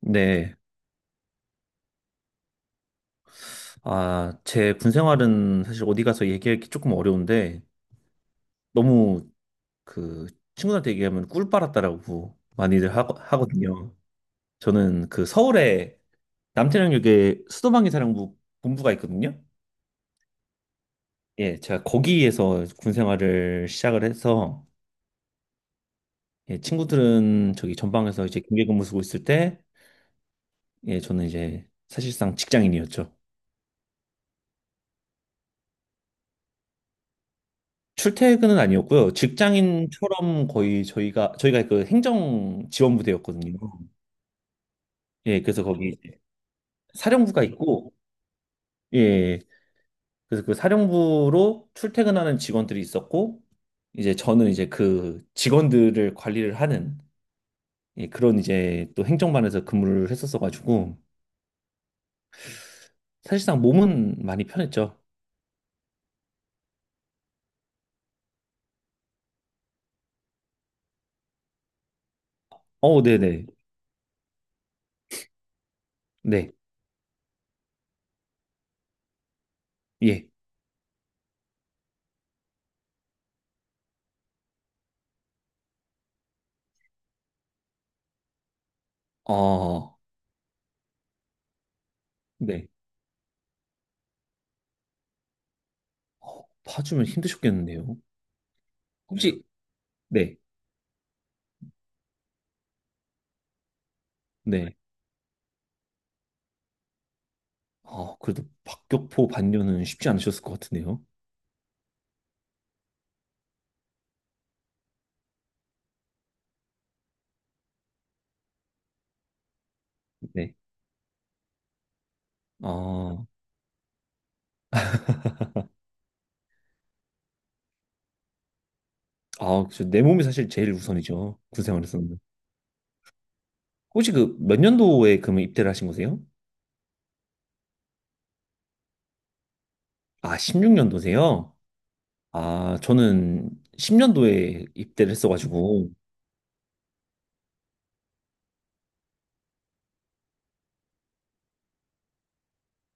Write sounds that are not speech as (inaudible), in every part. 네. 아, 제 군 생활은 사실 어디 가서 얘기하기 조금 어려운데, 너무 그 친구들한테 얘기하면 꿀 빨았다라고 많이들 하거든요. 저는 그 서울에 남태령역에 수도방위 사령부 본부가 있거든요. 예, 제가 거기에서 군 생활을 시작을 해서, 예, 친구들은 저기 전방에서 이제 경계 근무 쓰고 있을 때, 예, 저는 이제 사실상 직장인이었죠. 출퇴근은 아니었고요. 직장인처럼 거의 저희가 그 행정 지원 부대였거든요. 예, 그래서 거기 이제 사령부가 있고 예, 그래서 그 사령부로 출퇴근하는 직원들이 있었고 이제 저는 이제 그 직원들을 관리를 하는 예, 그런 이제 또 행정반에서 근무를 했었어 가지고 사실상 몸은 많이 편했죠. 어, 네, 네. 네. 예. 어, 네. 어, 파주면 힘드셨겠는데요. 혹시 네. 네. 아, 그래도 박격포 반려는 쉽지 않으셨을 것 같은데요. 네. 아, 아, 그쵸. 내 몸이 사실 제일 우선이죠. 군 생활에서는. 혹시 그 몇 년도에 그러면 입대를 하신 거세요? 아, 16년도세요? 아, 저는 10년도에 입대를 했어가지고.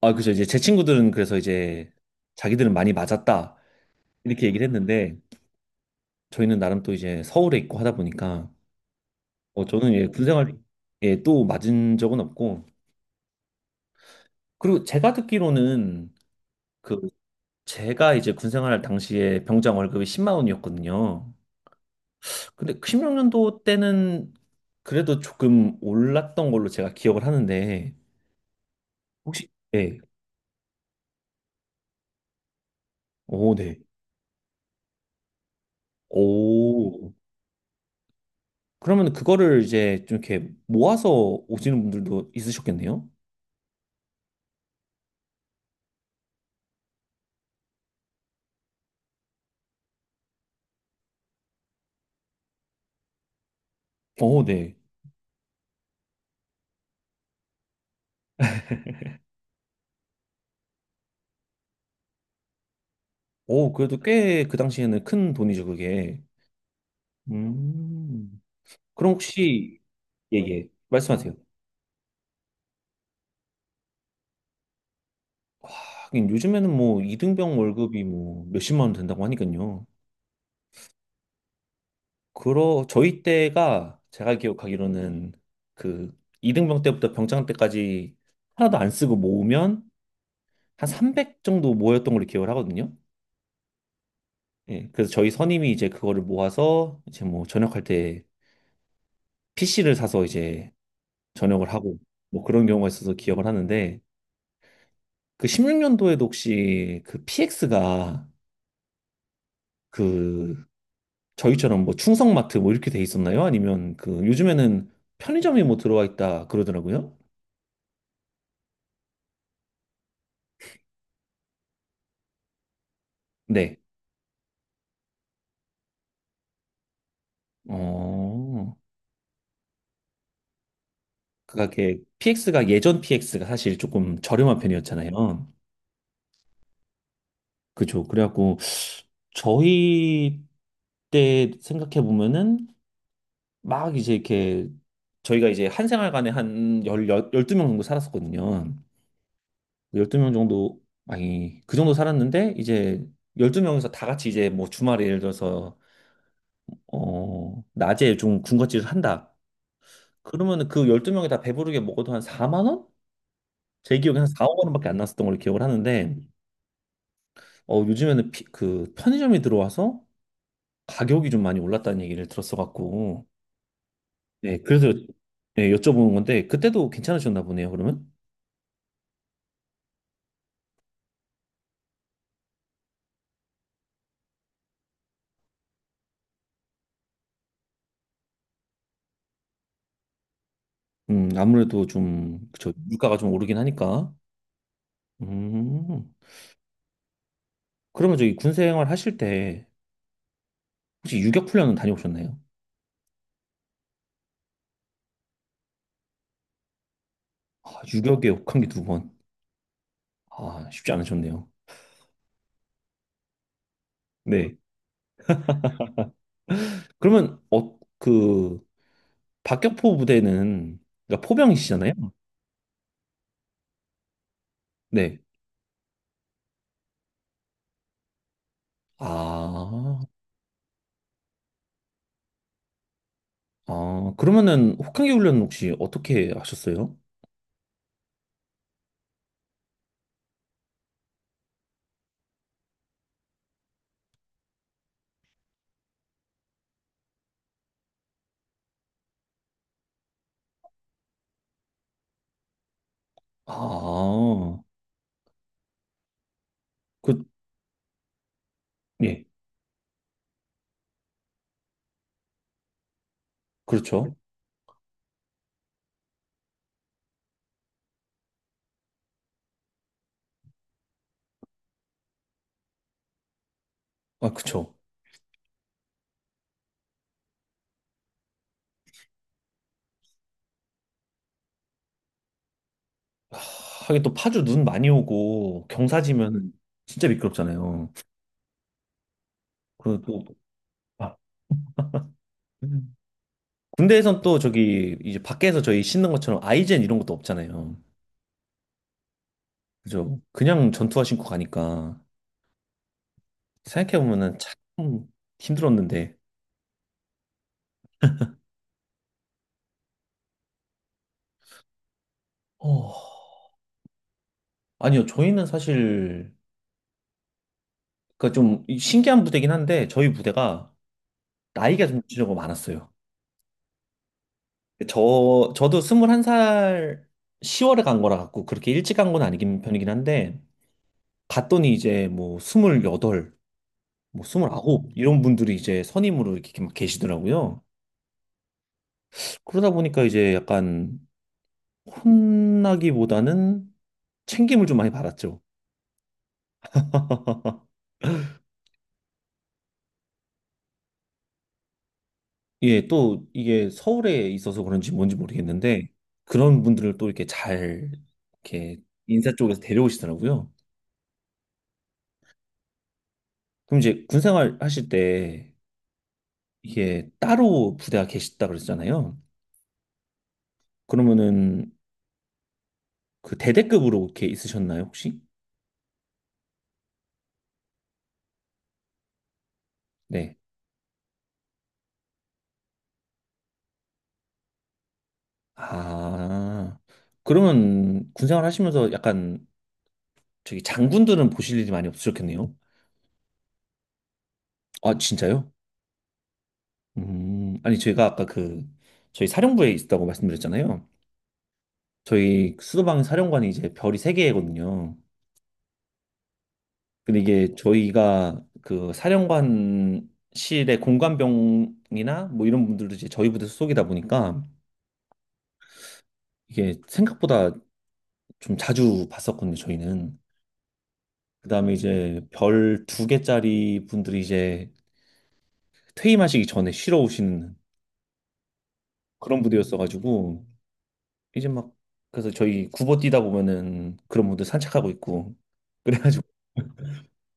아, 그죠. 이제 제 친구들은 그래서 이제 자기들은 많이 맞았다. 이렇게 얘기를 했는데, 저희는 나름 또 이제 서울에 있고 하다 보니까, 어, 저는 예, 군 생활에 또 맞은 적은 없고, 그리고 제가 듣기로는 그 제가 이제 군 생활 당시에 병장 월급이 10만 원이었거든요. 근데 16년도 때는 그래도 조금 올랐던 걸로 제가 기억을 하는데, 혹시 네. 오, 네. 오. 그러면 그거를 이제 좀 이렇게 모아서 오시는 분들도 있으셨겠네요? 오, 네. 오, 그래도 꽤 그 당시에는 큰 돈이죠, 그게. 음. 그럼 혹시, 예, 예. 말씀하세요. 하긴 요즘에는 뭐 이등병 월급이 뭐 몇십만 원 된다고 하니까요. 그러 저희 때가 제가 기억하기로는 그 이등병 때부터 병장 때까지 하나도 안 쓰고 모으면 한 300 정도 모였던 걸로 기억을 하거든요. 예, 그래서 저희 선임이 이제 그거를 모아서 이제 뭐 전역할 때 PC를 사서 이제 전역을 하고 뭐 그런 경우가 있어서 기억을 하는데 그 16년도에도 혹시 그 PX가 그 저희처럼 뭐 충성마트 뭐 이렇게 돼 있었나요? 아니면 그 요즘에는 편의점이 뭐 들어와 있다 그러더라고요. 네. 어, 그가 게 PX가 예전 PX가 사실 조금 저렴한 편이었잖아요. 그죠. 그래갖고 저희 때 생각해 보면은 막 이제 이렇게 저희가 이제 한 생활관에 한 12명 정도 살았었거든요. 열두 명 정도, 아니, 그 정도 살았는데 이제 12명에서 다 같이 이제 뭐 주말에 예를 들어서 낮에 좀 군것질을 한다. 그러면은 그 12명이 다 배부르게 먹어도 한 4만 원? 제 기억에 한 4, 5만 원밖에 안 났었던 걸로 기억을 하는데 어, 요즘에는 그 편의점이 들어와서 가격이 좀 많이 올랐다는 얘기를 들었어 갖고 네, 그래서 네, 여쭤보는 건데 그때도 괜찮으셨나 보네요, 그러면? 아무래도 좀 저 물가가 좀 오르긴 하니까. 음. 그러면 저기 군 생활 하실 때 혹시 유격 훈련은 다녀오셨나요? 아, 유격에 혹한 게 두 번. 아, 쉽지 않으셨네요. 네. 그러면 어, 그 박격포 부대는 그러니까 포병이시잖아요. 네. 아, 아, 그러면은 혹한기 훈련 혹시 어떻게 하셨어요? 아, 그, 예, 그렇죠. 아, 그쵸. 하, 하긴 또 파주 눈 많이 오고 경사지면 진짜 미끄럽잖아요. 그리고 또, 아, 음. 군대에선 또 저기 이제 밖에서 저희 신는 것처럼 아이젠 이런 것도 없잖아요. 그죠? 그냥 전투화 신고 가니까 생각해보면은 참 힘들었는데. 어, 아니요, 저희는 사실 그좀 신기한 부대긴 한데 저희 부대가 나이가 좀 지저가 많았어요. 저도 21살 10월에 간 거라 갖고 그렇게 일찍 간 건 아니긴 편이긴 한데 갔더니 이제 뭐 28, 뭐 29 이런 분들이 이제 선임으로 이렇게 막 계시더라고요. 그러다 보니까 이제 약간 혼나기보다는 챙김을 좀 많이 받았죠. (laughs) 예, 또 이게 서울에 있어서 그런지 뭔지 모르겠는데 그런 분들을 또 이렇게 잘 이렇게 인사 쪽에서 데려오시더라고요. 그럼 이제 군생활 하실 때 이게 따로 부대가 계셨다 그랬잖아요. 그러면은 그 대대급으로 이렇게 있으셨나요, 혹시? 네. 아, 그러면 군생활 하시면서 약간 저기 장군들은 보실 일이 많이 없으셨겠네요. 아, 진짜요? 아니 제가 아까 그 저희 사령부에 있다고 말씀드렸잖아요. 저희 수도방 사령관이 이제 별이 세 개거든요. 근데 이게 저희가 그 사령관실의 공관병이나 뭐 이런 분들도 이제 저희 부대 소속이다 보니까 이게 생각보다 좀 자주 봤었거든요, 저희는. 그다음에 이제 별 두 개짜리 분들이 이제 퇴임하시기 전에 쉬러 오시는 그런 부대였어가지고 이제 막 그래서 저희 구보 뛰다 보면은 그런 분들 산책하고 있고 그래가지고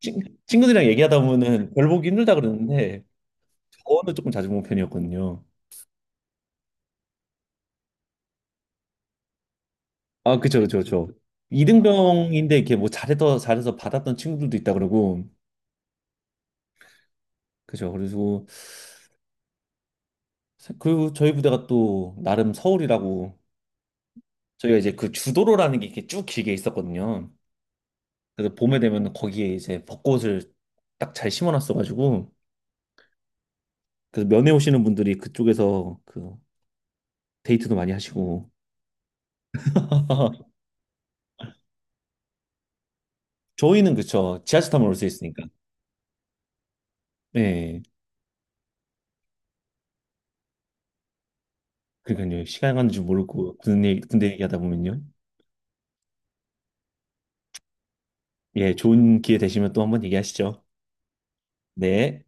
친- 친구들이랑 얘기하다 보면은 별 보기 힘들다 그러는데 그거는 조금 자주 본 편이었거든요. 아, 그쵸, 그쵸, 그쵸. 이등병인데 이렇게 뭐 잘해서 잘해서 받았던 친구들도 있다 그러고, 그쵸. 그리고 저희 부대가 또 나름 서울이라고 저희가 이제 그 주도로라는 게 이렇게 쭉 길게 있었거든요. 그래서 봄에 되면 거기에 이제 벚꽃을 딱 잘 심어놨어가지고, 그래서 면회 오시는 분들이 그쪽에서 그 데이트도 많이 하시고. (laughs) 저희는 그쵸. 지하철 타면 올 수 있으니까. 네. 그러니까요. 시간 가는 줄 모르고 군대 얘기하다 보면요. 예, 좋은 기회 되시면 또 한번 얘기하시죠. 네.